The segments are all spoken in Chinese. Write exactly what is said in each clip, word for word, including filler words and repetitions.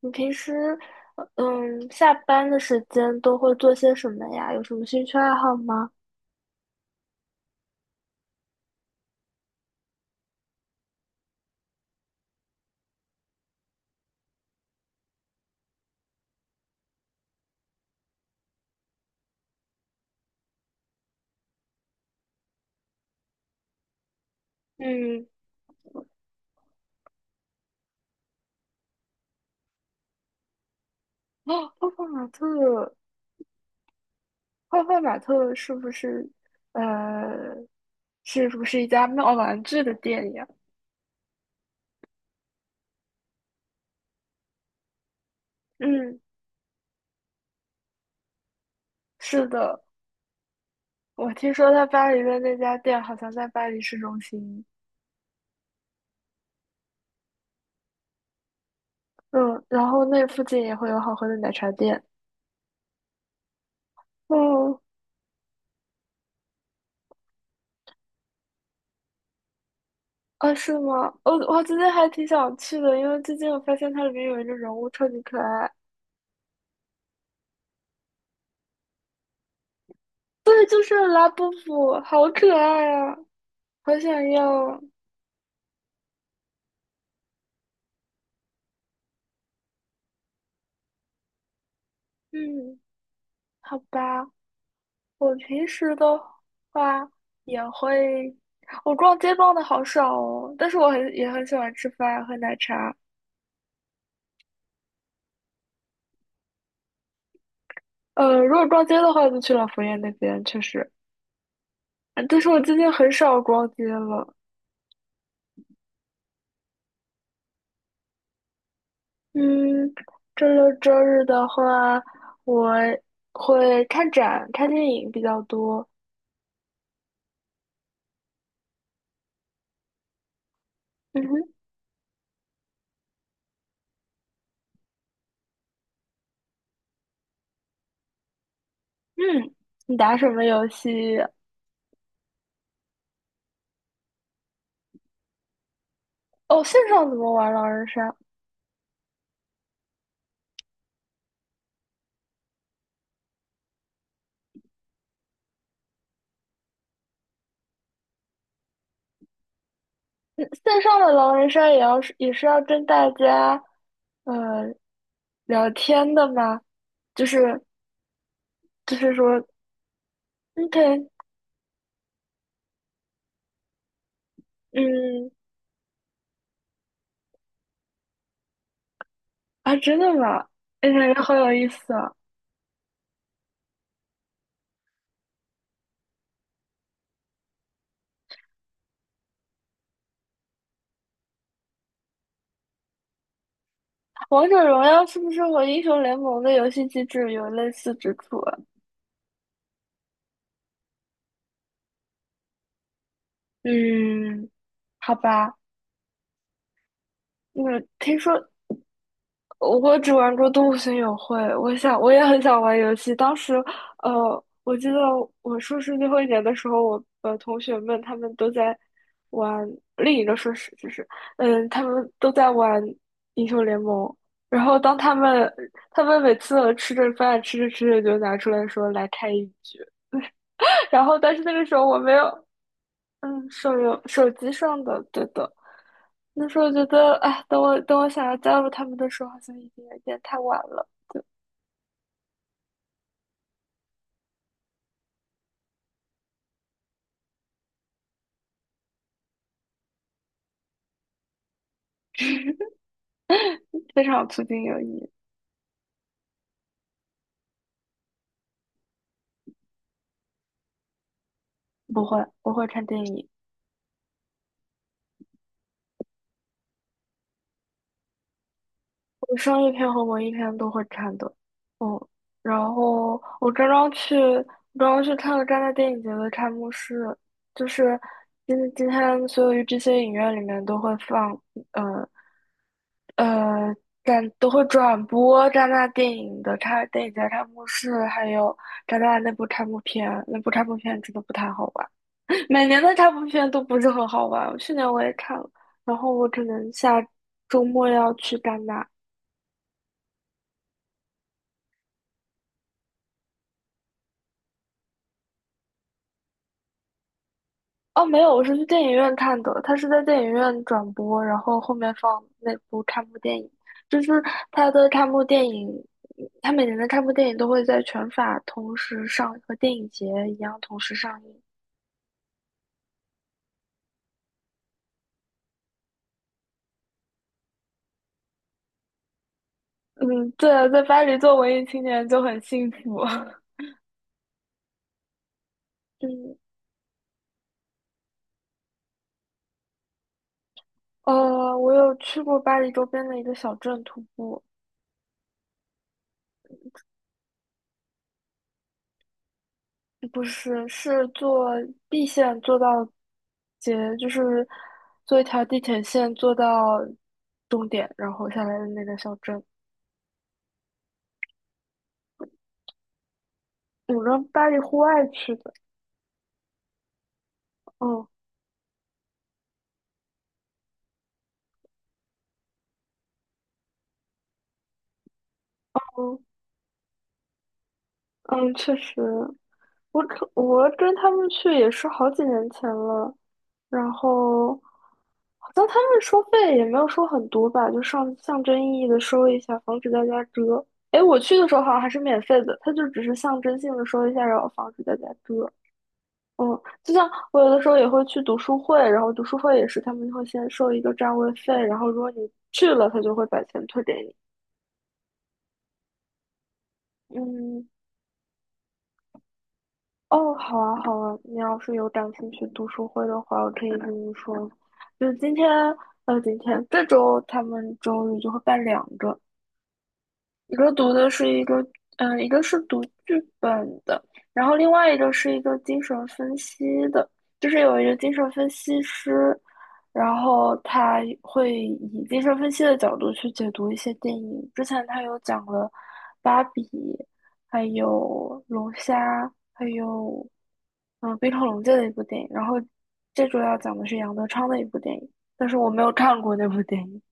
你平时，呃嗯，下班的时间都会做些什么呀？有什么兴趣爱好吗？嗯。哦，泡泡玛特，泡泡玛特是不是，呃，是不是一家卖玩具的店呀？嗯，是的，我听说在巴黎的那家店好像在巴黎市中心。嗯，然后那附近也会有好喝的奶茶店。哦，啊，是吗？我我今天还挺想去的，因为最近我发现它里面有一个人物超级可爱。对，就是拉布布，好可爱啊，好想要啊。嗯，好吧，我平时的话也会，我逛街逛的好少哦，但是我很也很喜欢吃饭喝奶茶。呃，如果逛街的话，就去老佛爷那边，确实。呃但是我最近很少逛街了。嗯，周六周日的话，我会看展、看电影比较多。嗯哼。嗯，你打什么游戏？哦，线上怎么玩狼人杀？嗯，线上的狼人杀也要是也是要跟大家，呃，聊天的吗？就是就是说，OK。嗯。啊，真的吗？哎，感觉好有意思啊！王者荣耀是不是和英雄联盟的游戏机制有类似之处啊？嗯，好吧，那听说。我只玩过《动物森友会》，我想我也很想玩游戏。当时，呃，我记得我硕士最后一年的时候，我呃同学们他们都在玩另一个硕士，就是嗯，他们都在玩英雄联盟。然后当他们他们每次吃着饭吃着吃着就拿出来说来开一局，然后但是那个时候我没有，嗯，手游手机上的，对的。那时候觉得，哎，等我等我想要加入他们的时候，好像已经有点太晚了。非常促进友谊。不会，我会看电影，我商业片和文艺片都会看的。嗯，然后我刚刚去，刚刚去看了戛纳电影节的开幕式，就是今今天所有这些影院里面都会放，呃呃，但都会转播戛纳电影的开电影节开幕式，还有戛纳那部开幕片，那部开幕片真的不太好玩。每年的这部片都不是很好玩，去年我也看了，然后我可能下周末要去戛纳。哦，没有，我是去电影院看的，他是在电影院转播，然后后面放那部开幕电影，就是它的开幕电影，他每年的开幕电影都会在全法同时上，和电影节一样同时上映。嗯，对啊，在巴黎做文艺青年就很幸福。嗯，呃，我有去过巴黎周边的一个小镇徒步，不是，是坐 B 线坐到节，就是坐一条地铁线坐到终点，然后下来的那个小镇。我跟巴黎户外去的，嗯嗯嗯，确实，我可我跟他们去也是好几年前了，然后好像他们收费也没有收很多吧，就上象征意义的收一下，防止大家折。哎，我去的时候好像还是免费的，他就只是象征性的收一下，然后防止大家折。嗯，就像我有的时候也会去读书会，然后读书会也是他们会先收一个占位费，然后如果你去了，他就会把钱退给你。嗯，哦，好啊，好啊，你要是有感兴趣读书会的话，我可以跟你说。就是今天，呃，今天这周他们周日就会办两个，一个读的是一个，嗯，一个是读剧本的，然后另外一个是一个精神分析的，就是有一个精神分析师，然后他会以精神分析的角度去解读一些电影。之前他有讲了《芭比》，还有《龙虾》，还有嗯《冰河龙界》的一部电影，然后这周要讲的是杨德昌的一部电影，但是我没有看过那部电影。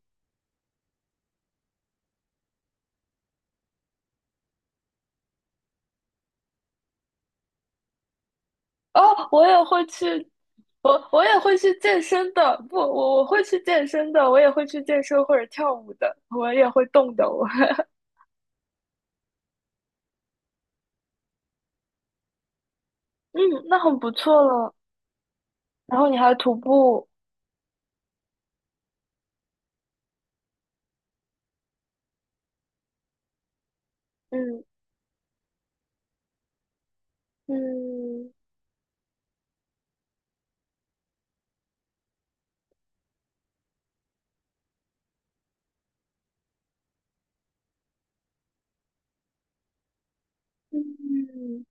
哦，我也会去，我我也会去健身的，不，我我会去健身的，我也会去健身或者跳舞的，我也会动的，我，嗯，那很不错了。然后你还徒步，嗯嗯嗯，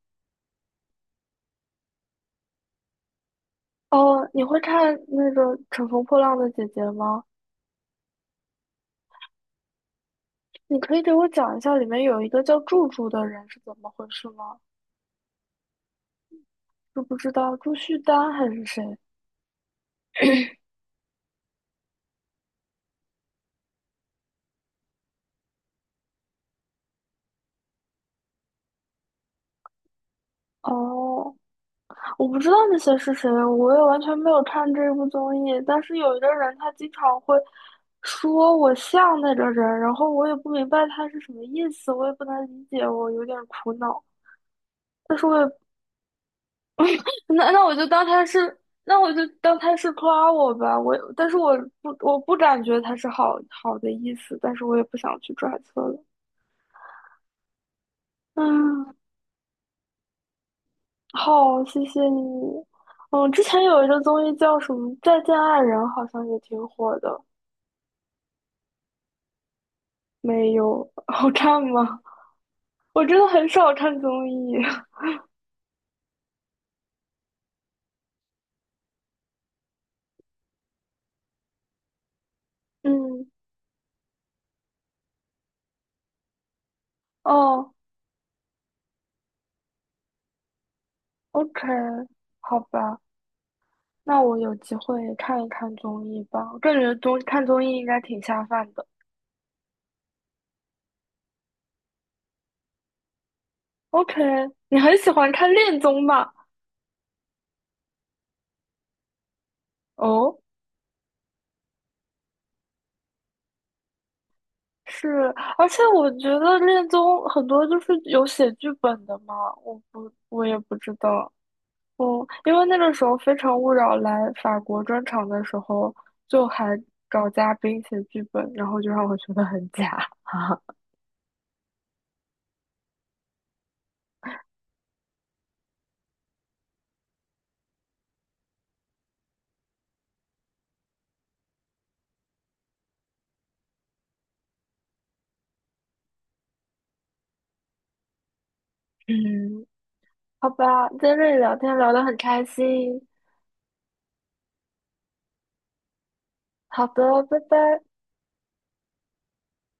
哦，你会看那个《乘风破浪的姐姐》吗？你可以给我讲一下里面有一个叫祝祝的人是怎么回事吗？知不知道朱旭丹还是谁？哦，我不知道那些是谁，我也完全没有看这部综艺。但是有一个人，他经常会说我像那个人，然后我也不明白他是什么意思，我也不能理解，我有点苦恼。但是我也那那我就当他是，那我就当他是夸我吧。我但是我不我不感觉他是好好的意思，但是我也不想去揣测了。嗯，好，谢谢你。嗯，之前有一个综艺叫什么《再见爱人》，好像也挺火的。没有，好看吗？我真的很少看综艺。嗯，哦，OK，好吧，那我有机会看一看综艺吧。我感觉综看综艺应该挺下饭的。OK，你很喜欢看恋综吧？哦，是，而且我觉得恋综很多就是有写剧本的嘛，我不，我也不知道。哦，因为那个时候《非诚勿扰》来法国专场的时候，就还找嘉宾写剧本，然后就让我觉得很假。嗯，好吧，在这里聊天聊得很开心。好的，拜拜。